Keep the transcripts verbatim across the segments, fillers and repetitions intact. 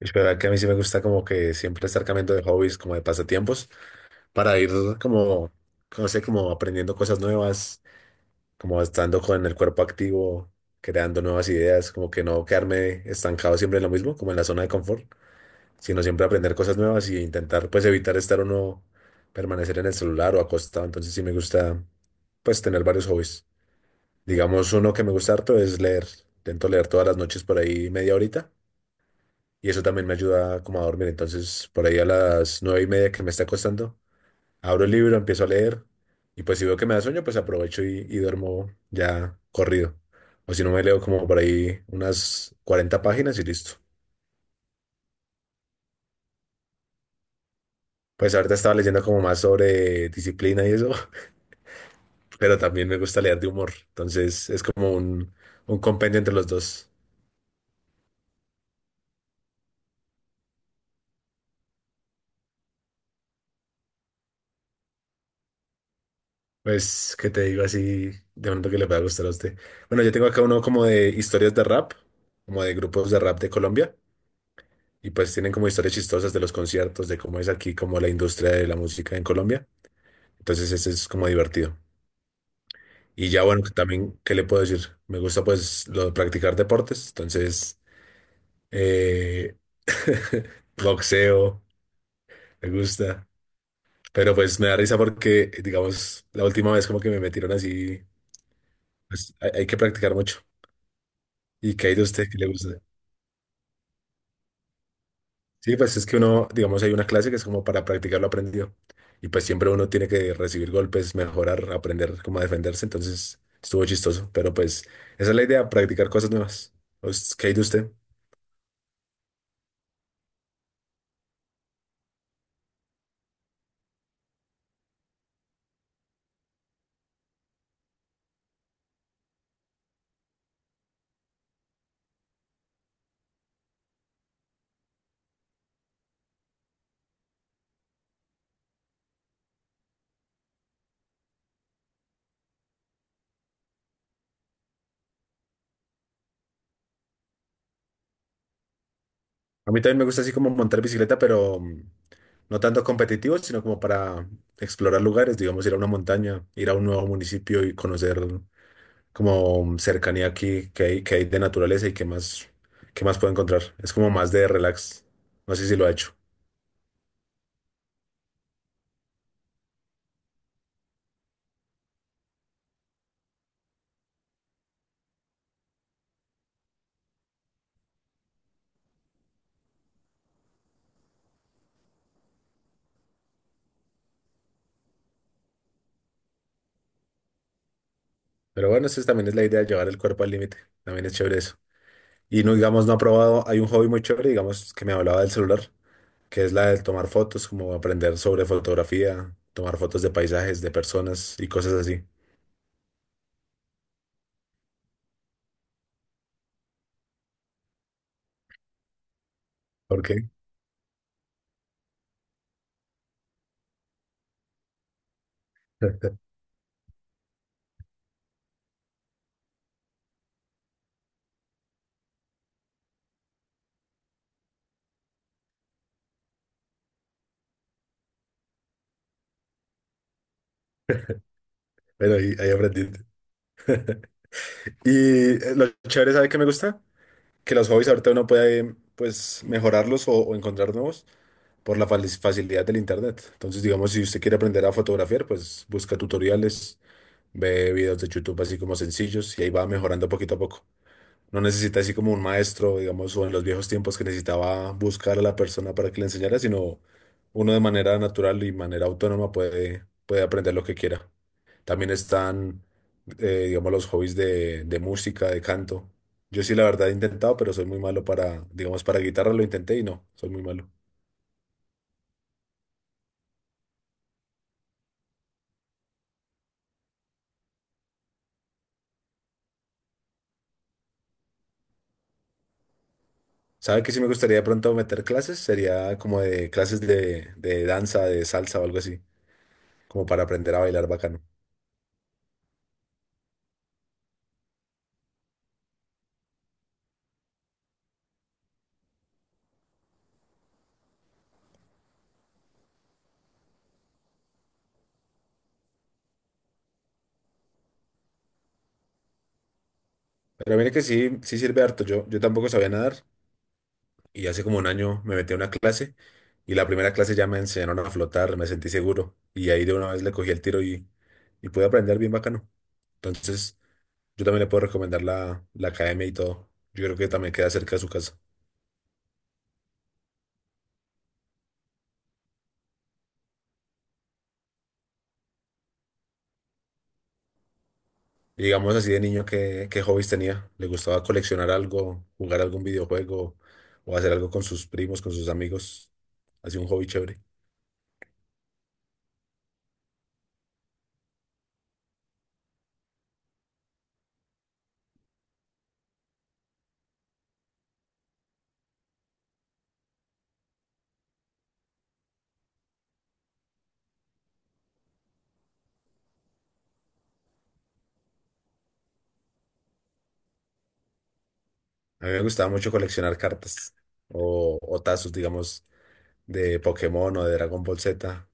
Es verdad que a mí sí me gusta como que siempre estar cambiando de hobbies, como de pasatiempos, para ir como, no sé, como aprendiendo cosas nuevas, como estando con el cuerpo activo, creando nuevas ideas, como que no quedarme estancado siempre en lo mismo, como en la zona de confort, sino siempre aprender cosas nuevas y intentar pues evitar estar uno, permanecer en el celular o acostado. Entonces sí me gusta pues tener varios hobbies. Digamos, uno que me gusta harto es leer. Intento leer todas las noches por ahí media horita y eso también me ayuda como a dormir. Entonces, por ahí a las nueve y media que me está acostando, abro el libro, empiezo a leer y pues si veo que me da sueño, pues aprovecho y, y duermo ya corrido. O si no, me leo como por ahí unas cuarenta páginas y listo. Pues ahorita estaba leyendo como más sobre disciplina y eso, pero también me gusta leer de humor. Entonces es como un, un compendio entre los dos. Pues, ¿qué te digo así? De pronto que le pueda gustar a usted. Bueno, yo tengo acá uno como de historias de rap, como de grupos de rap de Colombia. Y pues tienen como historias chistosas de los conciertos, de cómo es aquí como la industria de la música en Colombia. Entonces ese es como divertido. Y ya bueno, que también, ¿qué le puedo decir? Me gusta pues lo de practicar deportes, entonces eh, boxeo, me gusta. Pero pues me da risa porque, digamos, la última vez como que me metieron así, pues hay, hay que practicar mucho. ¿Y qué hay de usted que le gusta? Sí, pues es que uno, digamos, hay una clase que es como para practicar lo aprendido. Y pues siempre uno tiene que recibir golpes, mejorar, aprender cómo defenderse. Entonces estuvo chistoso. Pero pues esa es la idea, practicar cosas nuevas. Pues, ¿qué hay de usted? A mí también me gusta así como montar bicicleta, pero mm, no tanto competitivo, sino como para explorar lugares, digamos, ir a una montaña, ir a un nuevo municipio y conocer como cercanía aquí que hay, que hay de naturaleza y qué más, qué más puedo encontrar. Es como más de relax. No sé si lo ha hecho. Pero bueno, esa también es la idea, llevar el cuerpo al límite. También es chévere eso. Y no, digamos, no ha probado, hay un hobby muy chévere, digamos, que me hablaba del celular, que es la de tomar fotos, como aprender sobre fotografía, tomar fotos de paisajes, de personas y cosas así. ¿Por qué? Pero ahí, ahí aprendí. Y eh, lo chévere, ¿sabe qué me gusta? Que los hobbies ahorita uno puede, pues, mejorarlos o, o encontrar nuevos por la fali- facilidad del internet. Entonces, digamos, si usted quiere aprender a fotografiar, pues busca tutoriales. Ve videos de YouTube así como sencillos y ahí va mejorando poquito a poco. No necesita así como un maestro, digamos, o en los viejos tiempos que necesitaba buscar a la persona para que le enseñara, sino uno de manera natural y manera autónoma puede, puede aprender lo que quiera. También están, eh, digamos, los hobbies de, de música, de canto. Yo sí, la verdad, he intentado, pero soy muy malo para, digamos, para guitarra lo intenté y no, soy muy malo. ¿Sabe que sí me gustaría de pronto meter clases? Sería como de clases de, de danza, de salsa o algo así. Como para aprender a bailar bacano. Pero mire que sí, sí sirve harto. Yo, yo tampoco sabía nadar y hace como un año me metí a una clase y la primera clase ya me enseñaron a flotar, me sentí seguro y ahí de una vez le cogí el tiro y, y pude aprender bien bacano. Entonces, yo también le puedo recomendar la, la academia y todo. Yo creo que también queda cerca de su casa. Y digamos así de niño, ¿qué, qué hobbies tenía? ¿Le gustaba coleccionar algo, jugar algún videojuego o hacer algo con sus primos, con sus amigos? Así un hobby chévere. A mí me gustaba mucho coleccionar cartas o, o tazos, digamos, de Pokémon o de Dragon Ball Z.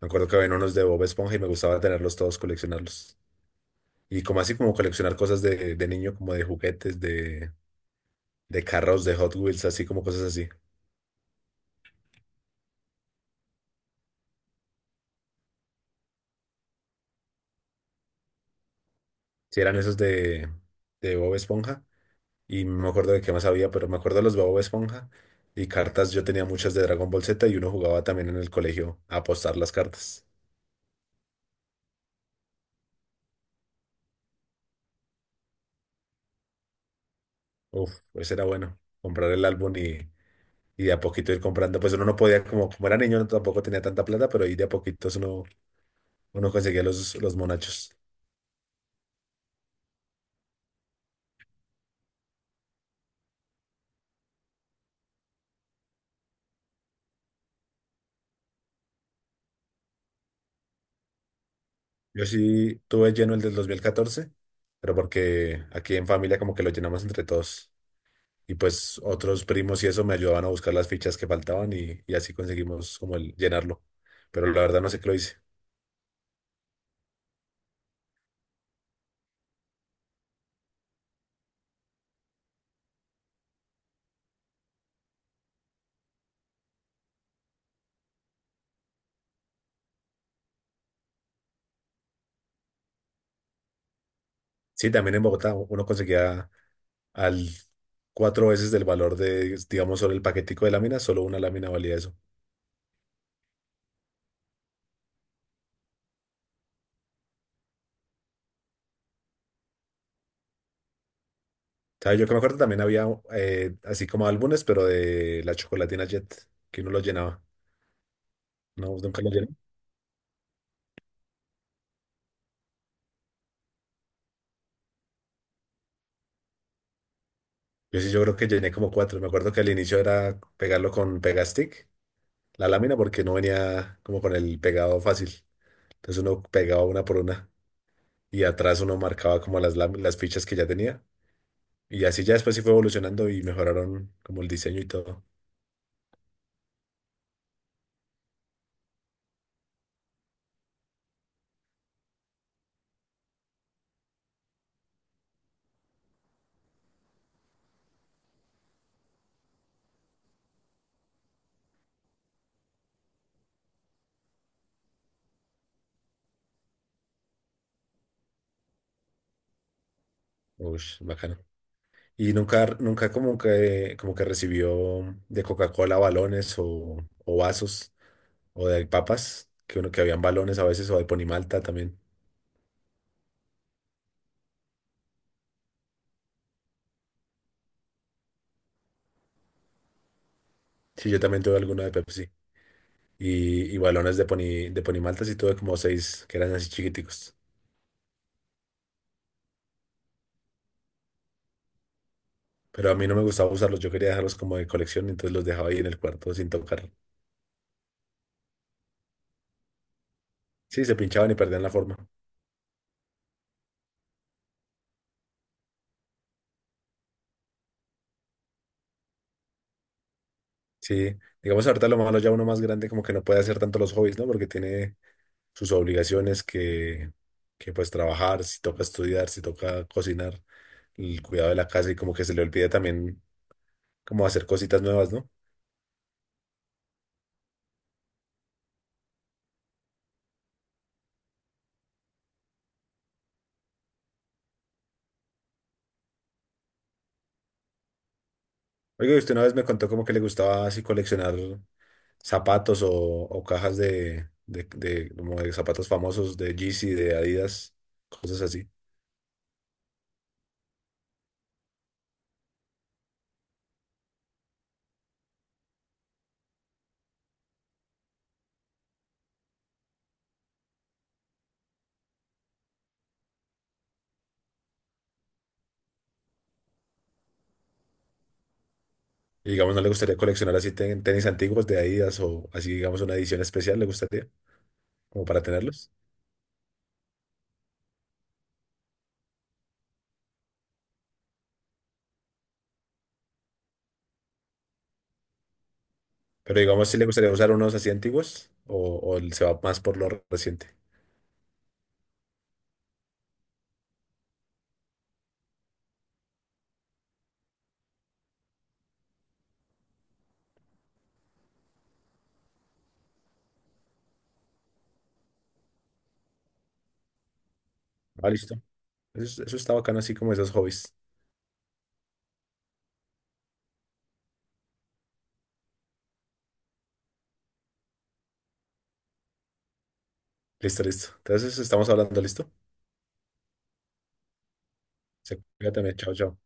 Me acuerdo que había unos de Bob Esponja y me gustaba tenerlos todos, coleccionarlos. Y como así, como coleccionar cosas de, de niño, como de juguetes, de, de carros, de Hot Wheels, así como cosas así. Si eran esos de, de Bob Esponja. Y no me acuerdo de qué más había, pero me acuerdo de los de Bob Esponja. Y cartas, yo tenía muchas de Dragon Ball Z y uno jugaba también en el colegio a apostar las cartas. Uf, ese era bueno. Comprar el álbum y y de a poquito ir comprando. Pues uno no podía, como, como era niño, no tampoco tenía tanta plata, pero ahí de a poquitos uno, uno conseguía los, los monachos. Yo sí tuve lleno el del dos mil catorce pero porque aquí en familia como que lo llenamos entre todos. Y pues otros primos y eso me ayudaban a buscar las fichas que faltaban y, y así conseguimos como el llenarlo. Pero la verdad no sé qué lo hice. Sí, también en Bogotá uno conseguía al cuatro veces del valor de, digamos, solo el paquetico de láminas, solo una lámina valía eso. ¿Sabes? Yo que me acuerdo también había eh, así como álbumes, pero de la Chocolatina Jet, que uno lo llenaba. No, ¿vos nunca lo llené. Yo sí, yo creo que llené como cuatro. Me acuerdo que al inicio era pegarlo con Pegastick, la lámina, porque no venía como con el pegado fácil. Entonces uno pegaba una por una y atrás uno marcaba como las, lámi- las fichas que ya tenía. Y así ya después sí fue evolucionando y mejoraron como el diseño y todo. Uy, bacano. Y nunca, nunca como que, como que recibió de Coca-Cola balones o, o vasos. O de papas, que uno que habían balones a veces, o de Ponimalta también. Sí, yo también tuve alguna de Pepsi. Y, y balones de Poni, de Ponimalta sí tuve como seis, que eran así chiquiticos. Pero a mí no me gustaba usarlos, yo quería dejarlos como de colección, entonces los dejaba ahí en el cuarto sin tocar. Sí, se pinchaban y perdían la forma. Sí, digamos ahorita lo malo ya uno más grande como que no puede hacer tanto los hobbies, ¿no? Porque tiene sus obligaciones que, que pues trabajar, si toca estudiar, si toca cocinar, el cuidado de la casa y como que se le olvida también como hacer cositas nuevas, ¿no? Oiga, y usted una vez me contó como que le gustaba así coleccionar zapatos o, o cajas de, de, de- como de zapatos famosos de Yeezy, de Adidas, cosas así. Y digamos, ¿no le gustaría coleccionar así ten- tenis antiguos de Adidas o así, digamos, una edición especial le gustaría, como para tenerlos? Pero digamos, si le gustaría usar unos así antiguos o, o él se va más por lo reciente. Ah, listo. Eso, es- eso está bacano, así como esos hobbies. Listo, listo. Entonces, estamos hablando, ¿listo? Se cuida también. Chao, chao.